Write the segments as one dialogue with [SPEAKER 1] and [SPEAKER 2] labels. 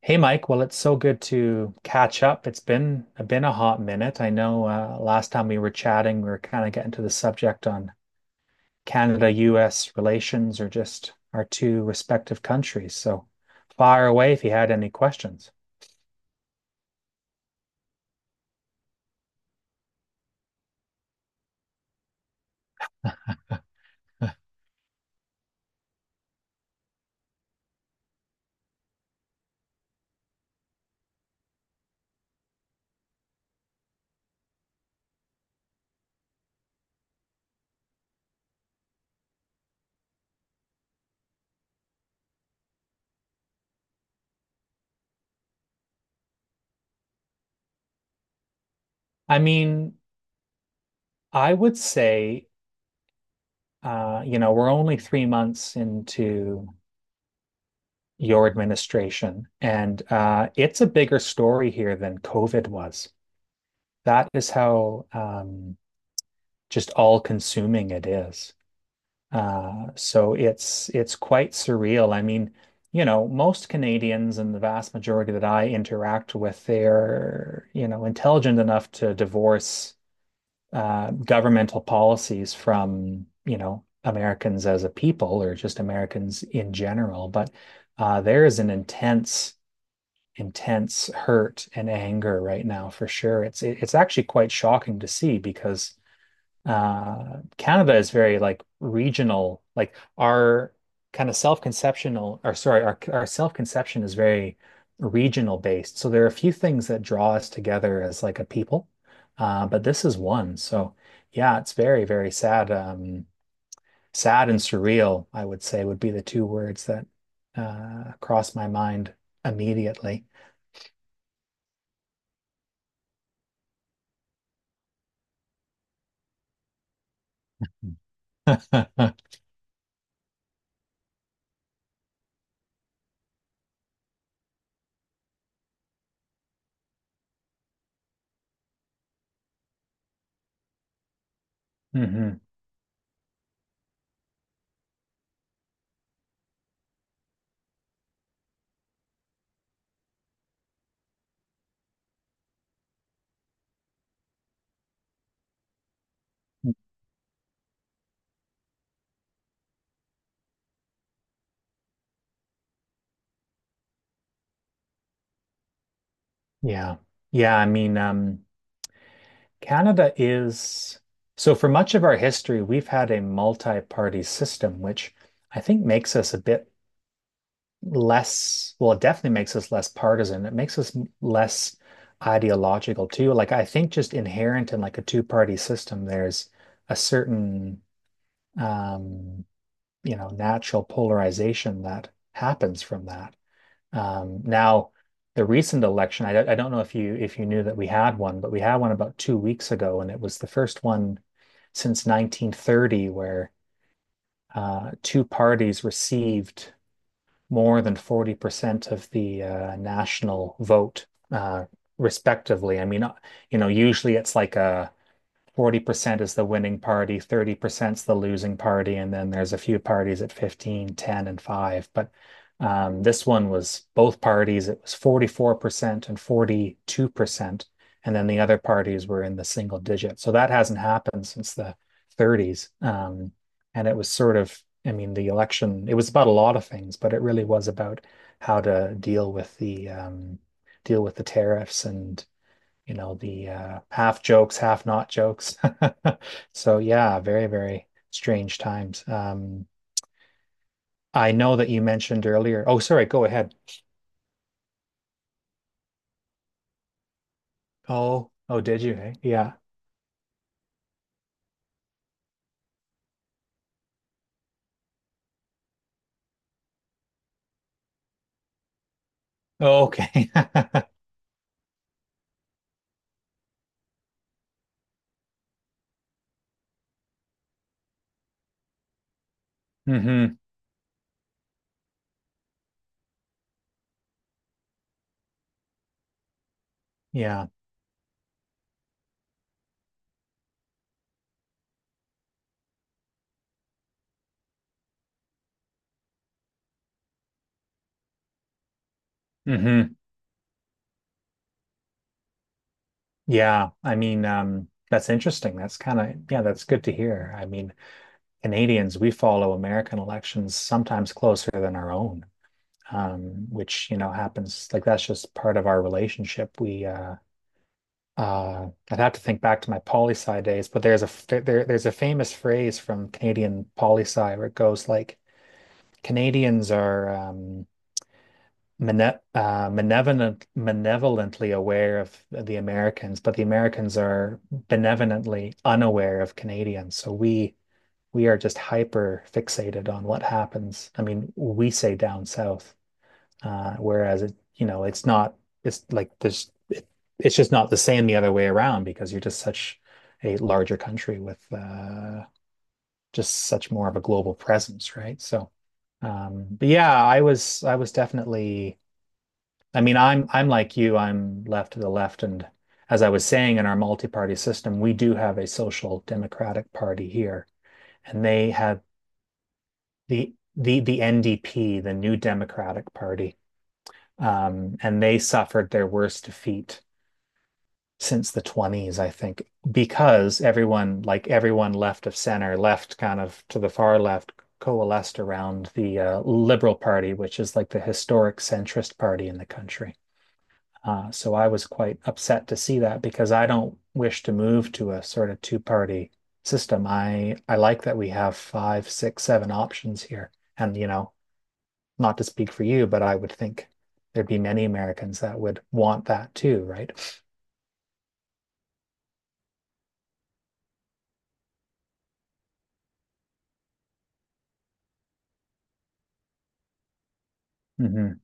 [SPEAKER 1] Hey Mike, well it's so good to catch up. It's been a hot minute. I know last time we were chatting, we were kind of getting to the subject on Canada-US relations or just our two respective countries. So fire away if you had any questions. I mean, I would say, you know, we're only 3 months into your administration, and it's a bigger story here than COVID was. That is how just all-consuming it is. So it's quite surreal. I mean, you know, most Canadians and the vast majority that I interact with, they're, you know, intelligent enough to divorce governmental policies from, you know, Americans as a people or just Americans in general. But there is an intense, intense hurt and anger right now for sure. It's actually quite shocking to see because Canada is very like regional, like our kind of self-conceptional, or sorry, our self-conception is very regional based. So there are a few things that draw us together as like a people, but this is one. So yeah, it's very very sad. Sad and surreal I would say would be the two words that cross my mind immediately. Hmm. Yeah, yeah, I mean, Canada is, so for much of our history, we've had a multi-party system, which I think makes us a bit less, well, it definitely makes us less partisan. It makes us less ideological too. Like I think just inherent in like a two-party system, there's a certain um, you know, natural polarization that happens from that. Now, the recent election, I don't know if you knew that we had one, but we had one about 2 weeks ago, and it was the first one since 1930 where two parties received more than 40% of the national vote, uh, respectively. I mean, you know, usually it's like a 40% is the winning party, 30% is the losing party, and then there's a few parties at 15, 10, and 5. But this one was both parties, it was 44% and 42%. And then the other parties were in the single digit. So that hasn't happened since the 30s. And it was sort of, I mean, the election, it was about a lot of things, but it really was about how to deal with the tariffs and you know, the half jokes, half not jokes. So yeah, very, very strange times. I know that you mentioned earlier. Oh, sorry, go ahead. Oh, oh, did you? Hey, yeah. Oh, okay. Hmm. Yeah. Hmm. Yeah. I mean, that's interesting. That's kind of, yeah, that's good to hear. I mean, Canadians, we follow American elections sometimes closer than our own, which, you know, happens like that's just part of our relationship. I'd have to think back to my poli sci days, but there's a f- there- there's a famous phrase from Canadian poli sci where it goes like Canadians are mane benevolently aware of the Americans, but the Americans are benevolently unaware of Canadians. So we are just hyper fixated on what happens. I mean, we say down south. Whereas it, you know, it's not, it's like there's, it's just not the same the other way around because you're just such a larger country with just such more of a global presence, right? So, but yeah, I was definitely, I mean, I'm like you, I'm left to the left. And as I was saying, in our multi-party system, we do have a social democratic party here, and they have the NDP, the New Democratic Party. And they suffered their worst defeat since the 20s, I think, because everyone, like everyone left of center, left kind of to the far left, coalesced around the Liberal Party, which is like the historic centrist party in the country. So I was quite upset to see that because I don't wish to move to a sort of two-party system. I like that we have five, six, seven options here, and you know, not to speak for you, but I would think there'd be many Americans that would want that too, right? Hmm.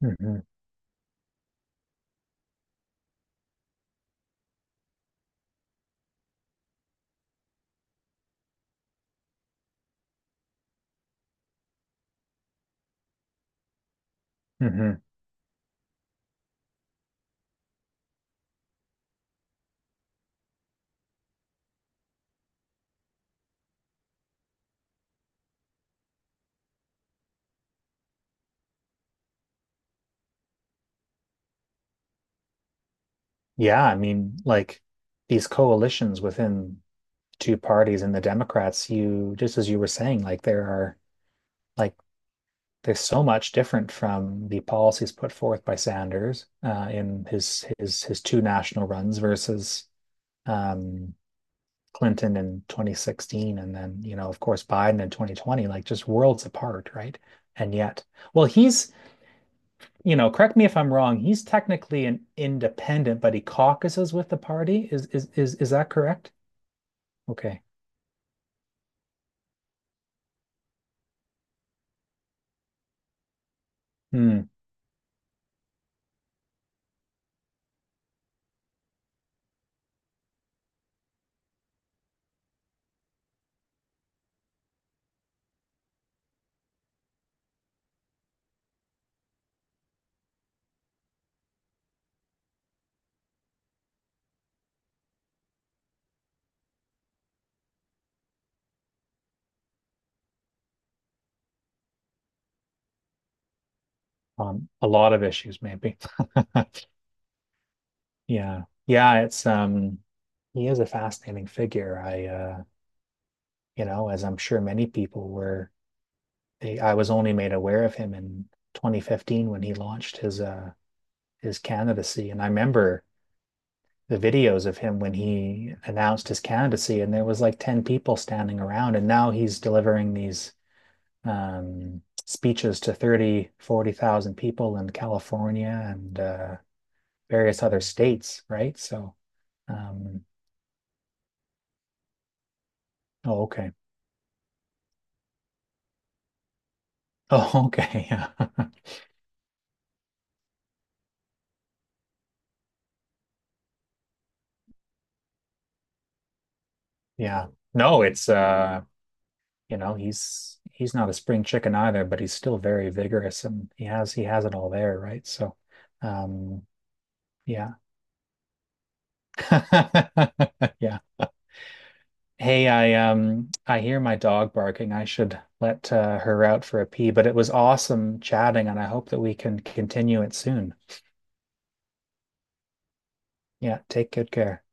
[SPEAKER 1] Hmm. Hmm. Yeah, I mean, like these coalitions within two parties and the Democrats, you just as you were saying, like there are like there's so much different from the policies put forth by Sanders in his two national runs versus um, Clinton in 2016 and then, you know, of course, Biden in 2020, like just worlds apart, right? And yet, well, he's, you know, correct me if I'm wrong, he's technically an independent, but he caucuses with the party. Is that correct? Okay. Hmm. A lot of issues, maybe. Yeah. Yeah, it's he is a fascinating figure. I you know, as I'm sure many people were, they I was only made aware of him in 2015 when he launched his candidacy. And I remember the videos of him when he announced his candidacy, and there was like 10 people standing around. And now he's delivering these speeches to 30, 40,000 people in California and various other states, right? So, um, oh, okay. Oh, okay. Yeah. Yeah. No, it's you know, he's not a spring chicken either, but he's still very vigorous and he has it all there, right? So, um, yeah. Yeah. Hey, I hear my dog barking. I should let her out for a pee, but it was awesome chatting, and I hope that we can continue it soon. Yeah, take good care.